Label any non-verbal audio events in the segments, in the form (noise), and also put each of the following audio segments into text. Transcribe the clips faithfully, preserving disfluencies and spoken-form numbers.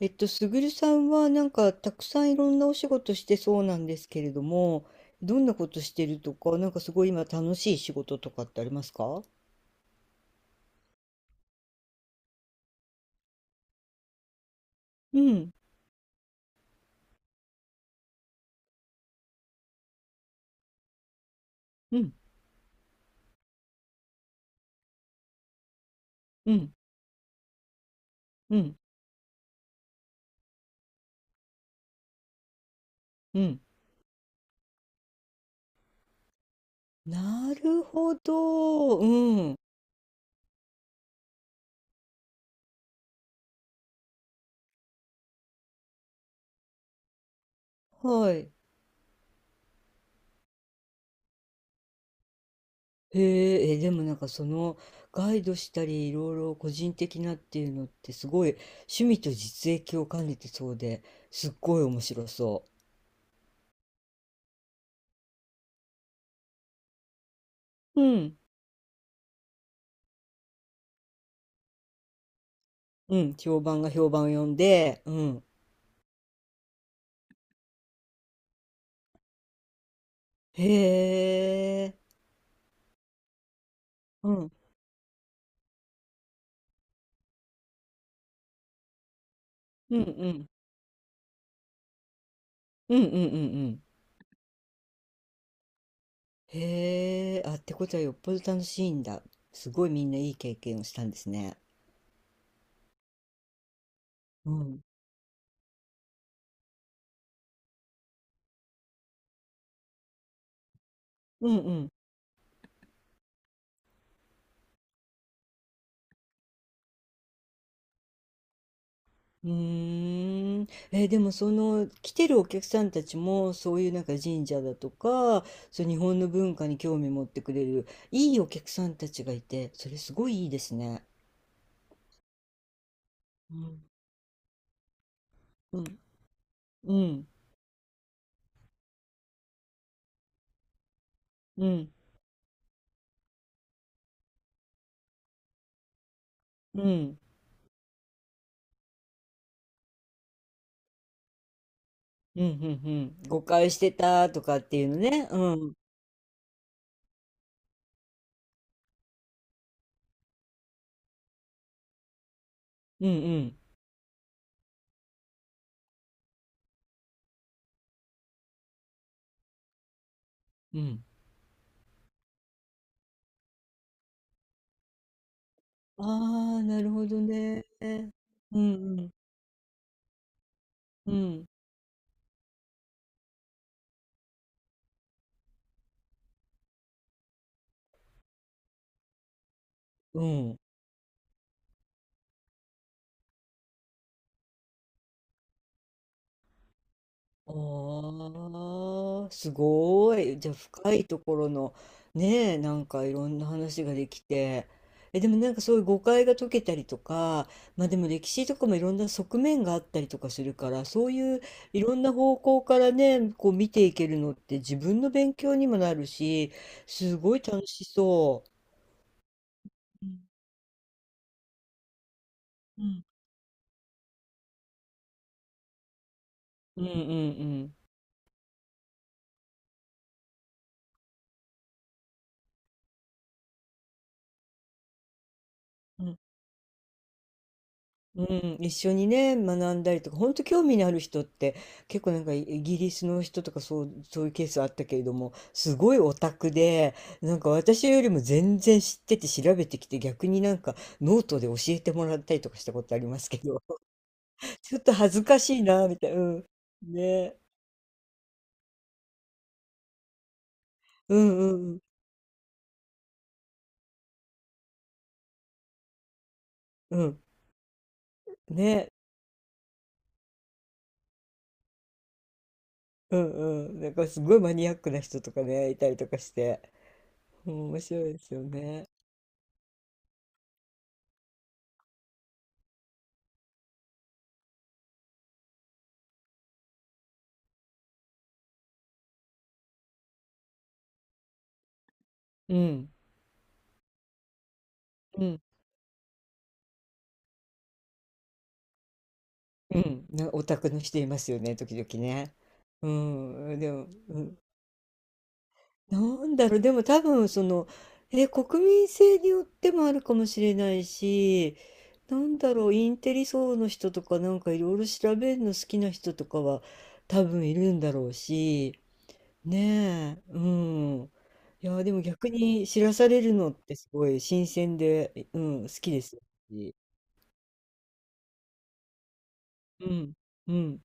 えっと、すぐるさんはなんかたくさんいろんなお仕事してそうなんですけれども、どんなことしてるとか、なんかすごい今楽しい仕事とかってありますか？うん、うん、うん、うん、うん。なるほど。うん。はい。へえ、え、でもなんかそのガイドしたりいろいろ個人的なっていうのってすごい趣味と実益を兼ねてそうですっごい面白そう。うん、うん、評判が評判を呼んで、うん。へえ。うん。うんうん。うんうんうんうん。へえ。あ、ってことはよっぽど楽しいんだ。すごいみんないい経験をしたんですね。うん。うんうん。うーん。えーでもその来てるお客さんたちもそういうなんか神社だとか、そう日本の文化に興味持ってくれるいいお客さんたちがいて、それすごいいいですね。うん。うん。うん。うん。うん。うん。うん。うん。誤解してたとかっていうのね。うん。うんうんうん。ああ、なるほどね。うんうんうん。うん。ああ、すごい。じゃあ深いところのねえ、なんかいろんな話ができて。え、でもなんかそういう誤解が解けたりとか、まあでも歴史とかもいろんな側面があったりとかするから、そういういろんな方向からね、こう見ていけるのって自分の勉強にもなるし、すごい楽しそう。うんうんうんうんうん。うん、一緒にね、学んだりとか、本当興味のある人って、結構なんかイギリスの人とかそう、そういうケースあったけれども、すごいオタクで、なんか私よりも全然知ってて調べてきて、逆になんかノートで教えてもらったりとかしたことありますけど、(laughs) ちょっと恥ずかしいな、みたいな。うん。ね。うんうんうん。うん。ね。うんうん。なんかすごいマニアックな人とかね、いたりとかして、うん、面白いですよね。うん。うん。うん、なオタクの人いますよね、時々ね。うん、でも、うん、なんだろう、でも多分その、え、国民性によってもあるかもしれないし、なんだろう、インテリ層の人とかなんかいろいろ調べるの好きな人とかは多分いるんだろうし、ねえ、うん。いや、でも逆に知らされるのってすごい新鮮で、うん、好きですし。うん、うん、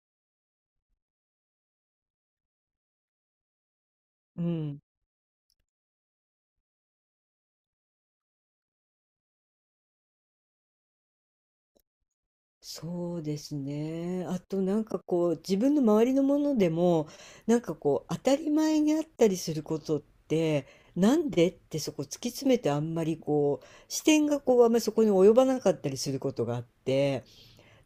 うん。そうですね。あとなんかこう自分の周りのものでもなんかこう当たり前にあったりすることってなんでってそこ突き詰めてあんまりこう視点がこうあんまりそこに及ばなかったりすることがあって、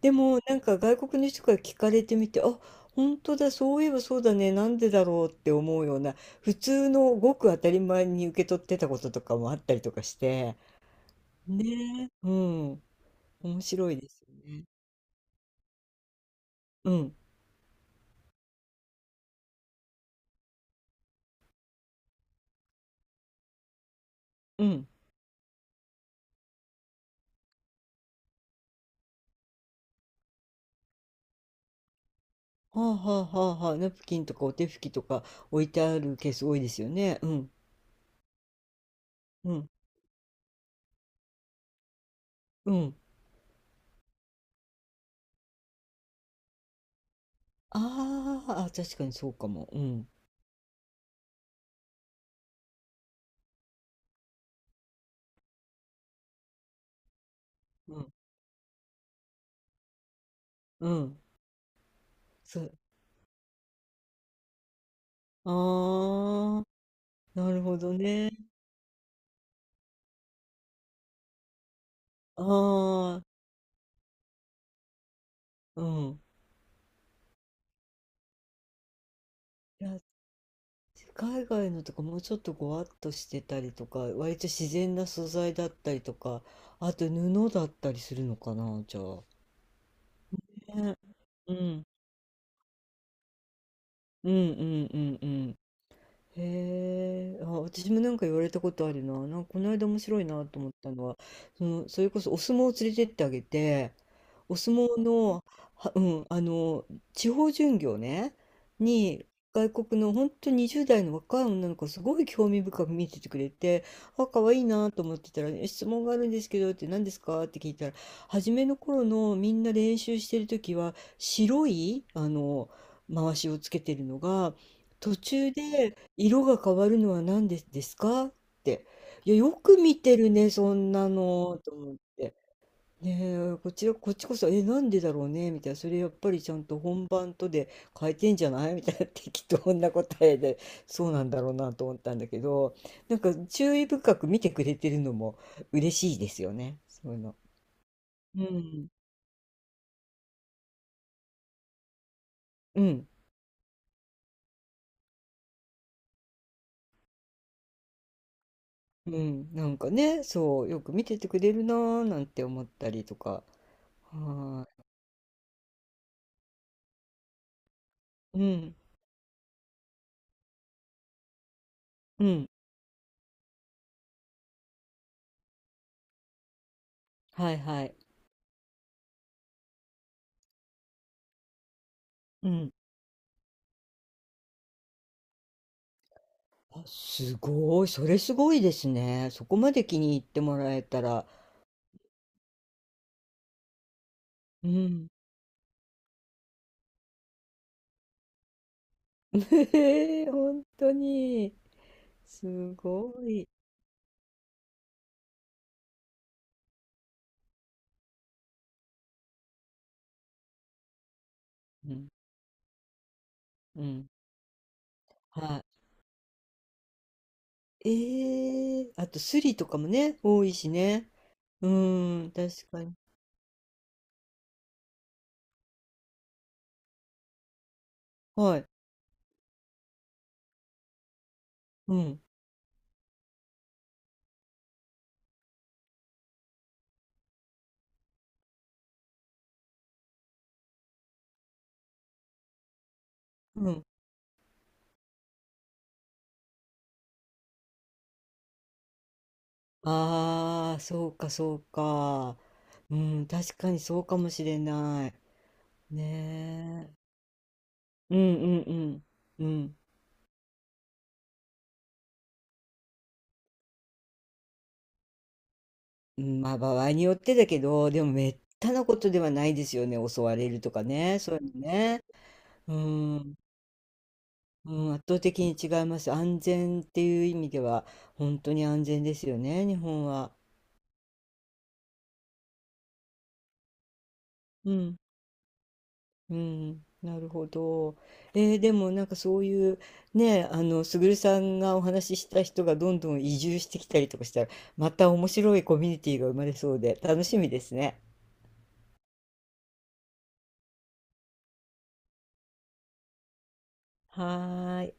でもなんか外国の人から聞かれてみて、あ、本当だ、そういえばそうだね、なんでだろうって思うような普通のごく当たり前に受け取ってたこととかもあったりとかして、ね。うん。面白いですよね。うんうん。はあはあはあはあ、ナプキンとかお手拭きとか置いてあるケース多いですよね。うん、うん、うん。あーあ、確かにそうかも。うん、うん、うん。そう。ああ、なるほどね。ああ、うん。いや、海外のとかもうちょっとごわっとしてたりとか、割と自然な素材だったりとか、あと布だったりするのかな、じゃあ。ね、うん、うん、うん、うん、うん。へえ、あ、私もなんか言われたことあるな。なんかこの間面白いなと思ったのは、その、それこそお相撲を連れてってあげて、お相撲の、は、うん、あの、地方巡業ね、に、外国の本当にじゅう代の若い女の子すごい興味深く見ててくれて、あ、可愛いなと思ってたら、え、質問があるんですけどって、何ですかって聞いたら、初めの頃のみんな練習してる時は白い、あの、回しをつけてるのが、途中で色が変わるのは何でですか？って。いや、よく見てるね、そんなのと思って。ねえ、こちらこっちこそ、え、なんでだろうねみたいな、それやっぱりちゃんと本番とで変えてんじゃない？みたいな (laughs) 適当な答えで、そうなんだろうなと思ったんだけど、なんか注意深く見てくれてるのも嬉しいですよね、そういうの。うん。うん。うん。なんかね、そう、よく見ててくれるなーなんて思ったりとか。はーい。うん。うん。はいはい。うん。あ、すごい。それすごいですね。そこまで気に入ってもらえたら。うん。(laughs) ええ、本当に。すごい。うん。うん。はい。ええ、あとスリとかもね、多いしね。うん、確かに。はい。うん。うん。ああ、そうか、そうか。うん、確かにそうかもしれない。ねえ。うんうんうん。うん。うん、まあ、場合によってだけど、でも滅多なことではないですよね、襲われるとかね、そういうのね。うん、うん、圧倒的に違います。安全っていう意味では、本当に安全ですよね、日本は。うん、うん、なるほど。えーでもなんかそういう、ね、あの、すぐるさんがお話しした人がどんどん移住してきたりとかしたら、また面白いコミュニティが生まれそうで、楽しみですね。はーい。